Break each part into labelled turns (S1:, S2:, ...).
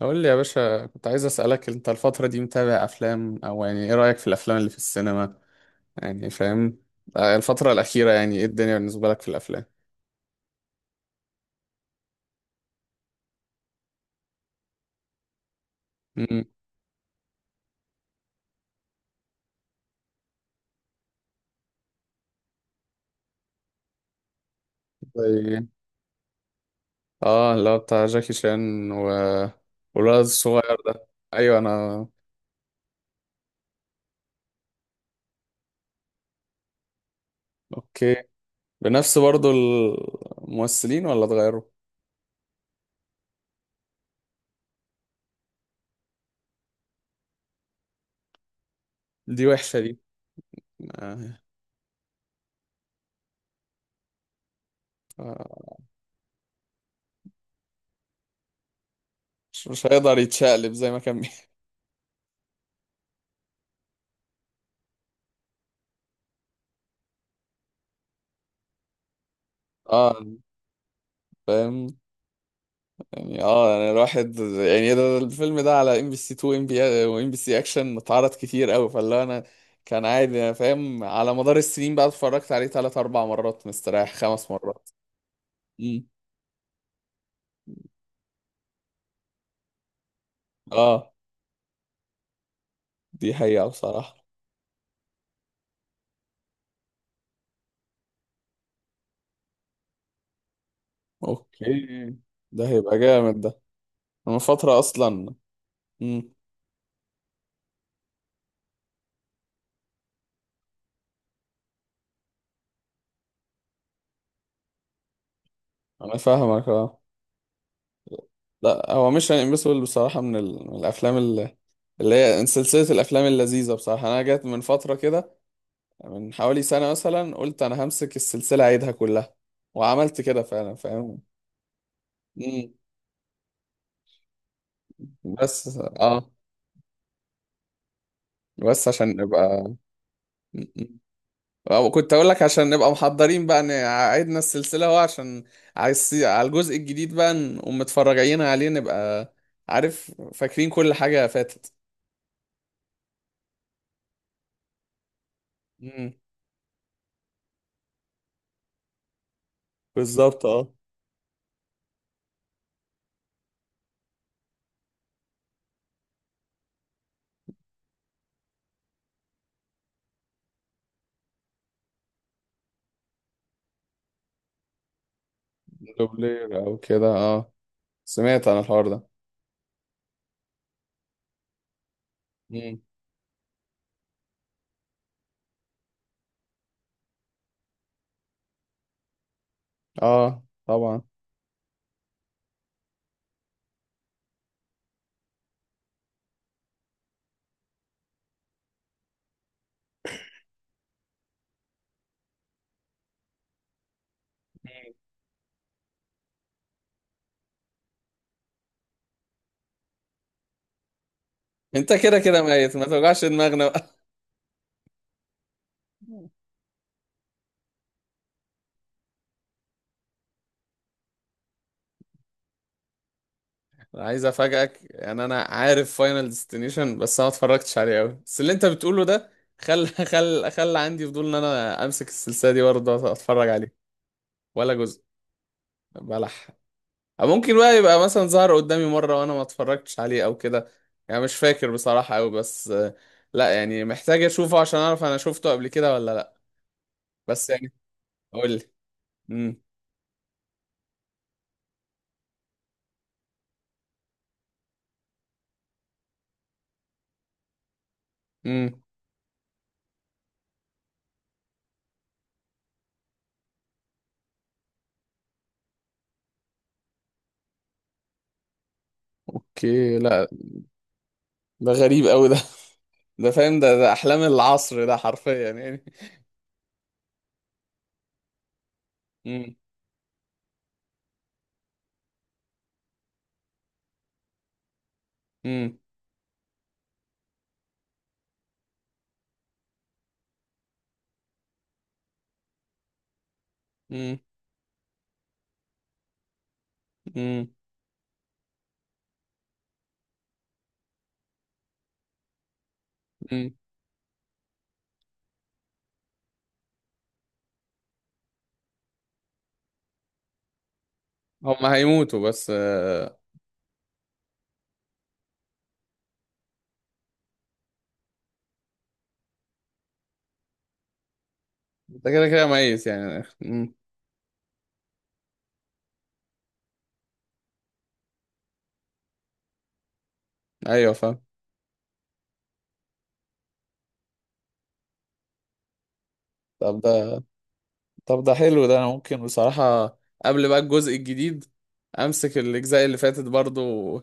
S1: قول لي يا باشا، كنت عايز أسألك، انت الفترة دي متابع افلام؟ او يعني ايه رأيك في الافلام اللي في السينما؟ يعني فاهم. الفترة الأخيرة يعني ايه الدنيا بالنسبة لك في الافلام؟ امم. زي اه اللي هو بتاع جاكي شان، و والولد الصغير ده. ايوه انا. اوكي، بنفس برضو الممثلين ولا اتغيروا؟ دي وحشة دي. آه. آه. مش هيقدر يتشقلب زي ما كان اه، فاهم. يعني يعني الواحد يعني ده الفيلم ده على ام بي سي 2، ام بي، وام بي سي اكشن، اتعرض كتير قوي، فاللي انا كان عادي، انا فاهم، على مدار السنين بقى اتفرجت عليه ثلاث اربع مرات مستريح، خمس مرات. امم. اه، دي حقيقة بصراحة. اوكي. ده هيبقى جامد ده. انا من فترة اصلا. امم. انا فاهمك اه. لا، هو مش امبوسيبل بصراحة من الافلام اللي، اللي هي سلسلة الافلام اللذيذة بصراحة، انا جت من فترة كده، من حوالي سنة مثلا قلت أنا همسك السلسلة أعيدها كلها، وعملت كده فعلا فاهم. مم. بس اه، بس عشان نبقى. مم. أو كنت أقول لك عشان نبقى محضرين بقى، إن عيدنا السلسلة هو عشان عايز على الجزء الجديد بقى نقوم متفرجين عليه، نبقى عارف فاكرين كل حاجة فاتت. مم. بالظبط اه. دوبلير أو كده اه. سمعت عن الحوار ده. مم. اه طبعا. انت كده كده ميت، ما توجعش دماغنا بقى. عايز افاجئك، يعني انا عارف فاينل ديستنيشن، بس انا ما اتفرجتش عليه قوي، بس اللي انت بتقوله ده خل خل خل عندي فضول ان انا امسك السلسله دي برضه اتفرج عليه. ولا جزء؟ بلح. أو ممكن بقى يبقى مثلا ظهر قدامي مره وانا ما اتفرجتش عليه او كده، يعني مش فاكر بصراحه قوي، بس لا يعني محتاج اشوفه عشان اعرف انا شفته قبل كده ولا لا. بس يعني، قول لي. امم. امم. اوكي، لا. ده غريب قوي ده. ده فاهم، ده احلام العصر ده حرفيا يعني. امم. امم. مم. مم. هم هيموتوا، بس انت كده كده ميت يعني. مم. ايوه فاهم. طب ده، طب ده حلو ده، انا ممكن بصراحة قبل بقى الجزء الجديد امسك الاجزاء اللي فاتت برضو،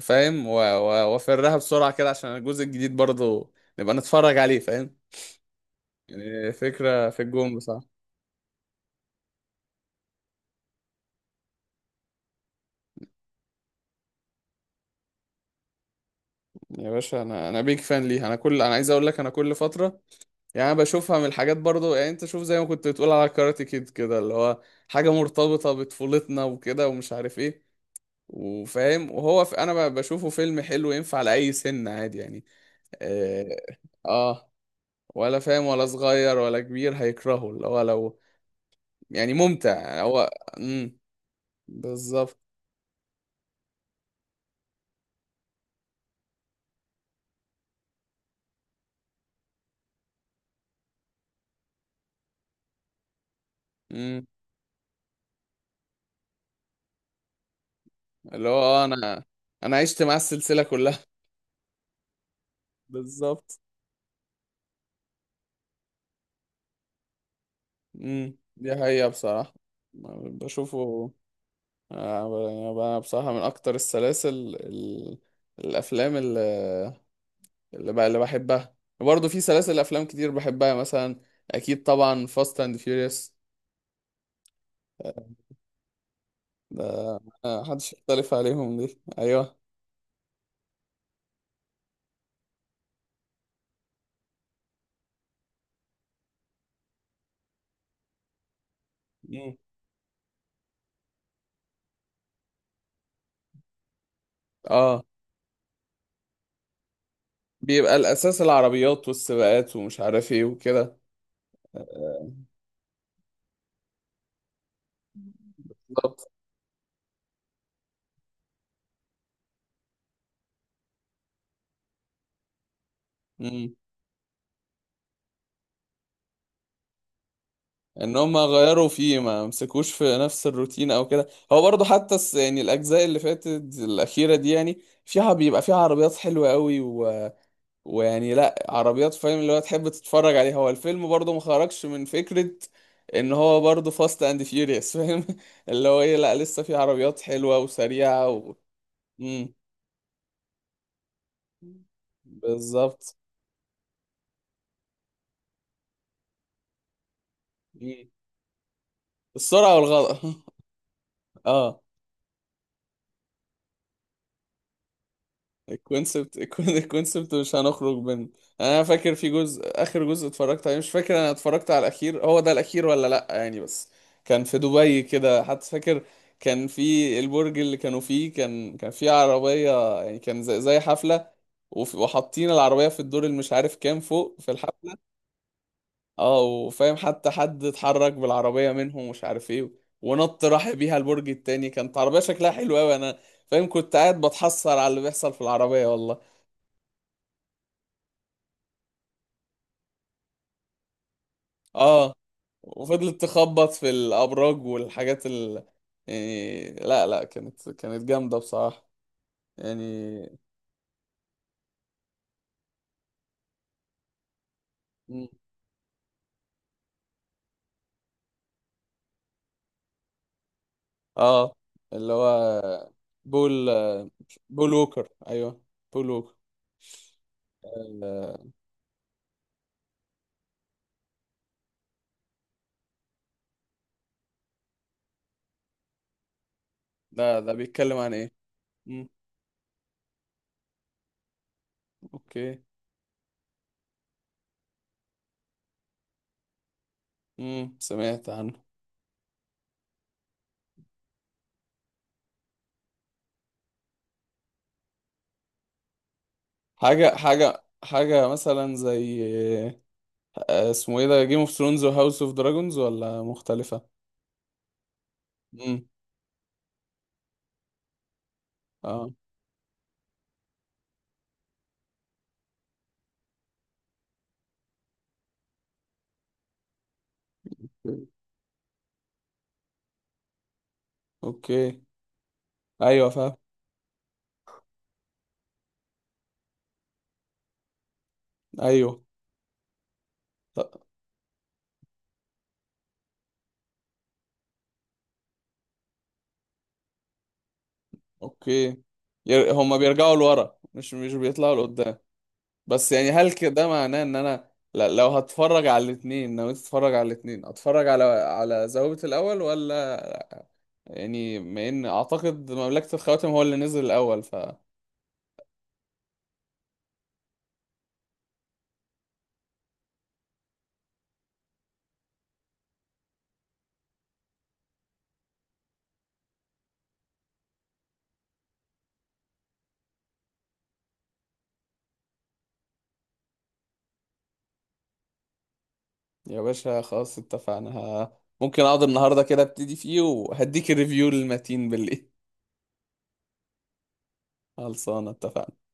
S1: فاهم، وافرها بسرعة كده عشان الجزء الجديد برضو نبقى نتفرج عليه، فاهم. يعني فكرة في الجون بصراحة. يا باشا، انا بيك فان ليها، انا كل، انا عايز اقول لك انا كل فترة، يعني انا بشوفها من الحاجات برضو، يعني انت شوف زي ما كنت بتقول على كاراتي كيد كده، اللي هو حاجة مرتبطة بطفولتنا وكده، ومش عارف ايه، وفاهم، وهو في انا بشوفه فيلم حلو، ينفع لأي سن عادي يعني. اه, آه. ولا فاهم، ولا صغير ولا كبير هيكرهه، اللي هو لو يعني ممتع يعني هو. امم. بالظبط. امم. اللي هو انا، انا عشت مع السلسلة كلها. بالظبط. امم، دي حقيقة بصراحة. بشوفه. يعني بقى بصراحة من أكتر السلاسل ال... الأفلام اللي، اللي, بقى اللي بحبها. برضه في سلاسل أفلام كتير بحبها، مثلا أكيد طبعا فاست أند فيوريوس، ده محدش يختلف عليهم دي أيوه. مم. اه، بيبقى الأساس العربيات والسباقات ومش عارف إيه وكده. بالظبط. مم. إن هما غيروا فيه، ما مسكوش في نفس الروتين أو كده، هو برضه حتى يعني الأجزاء اللي فاتت الأخيرة دي، يعني فيها بيبقى فيها عربيات حلوة قوي، ويعني لا عربيات فاهم اللي هو تحب تتفرج عليها، هو الفيلم برضه ما خرجش من فكرة ان هو برضه فاست اند فيوريوس، فاهم اللي هو ايه، لا لسه في عربيات حلوة وسريعة مم. بالظبط. مم. السرعة والغلط اه، الكونسبت، الكونسبت مش هنخرج منه. يعني انا فاكر في جزء، اخر جزء اتفرجت عليه مش فاكر، انا اتفرجت على الاخير، هو ده الاخير ولا لا يعني، بس كان في دبي كده حتى، فاكر كان في البرج اللي كانوا فيه، كان في عربية، يعني كان زي حفلة، وحاطين العربية في الدور اللي مش عارف كام فوق في الحفلة. اه وفاهم، حتى حد اتحرك بالعربية منهم، مش عارف ايه، ونط راح بيها البرج التاني، كانت عربية شكلها حلو قوي، انا فاهم كنت قاعد بتحسر على اللي بيحصل في العربية والله. اه، وفضلت تخبط في الابراج والحاجات ال، يعني لا لا، كانت كانت جامده بصراحه يعني. مم. اه، اللي هو بول، بول ووكر، ايوه بول ووكر. آه، ده ده بيتكلم عن ايه؟ مم. اوكي. مم، سمعت عنه. حاجه حاجه حاجه مثلا زي اسمه ايه ده، جيم اوف ثرونز وهاوس اوف دراجونز، ولا مختلفه؟ مم. اه. اوكي. ايوه فاهم. ايوه. ط- اوكي. هما بيرجعوا لورا، مش بيطلعوا لقدام. بس يعني هل كده معناه ان انا، لا لو هتفرج على الاثنين نويت اتفرج على الاثنين، اتفرج على على ذوبة الاول ولا، يعني ما ان اعتقد مملكة الخواتم هو اللي نزل الاول ف. يا باشا خلاص اتفقنا، ممكن اقعد النهارده كده ابتدي فيه، وهديك الريفيو للمتين بالليل. خلصانه، اتفقنا.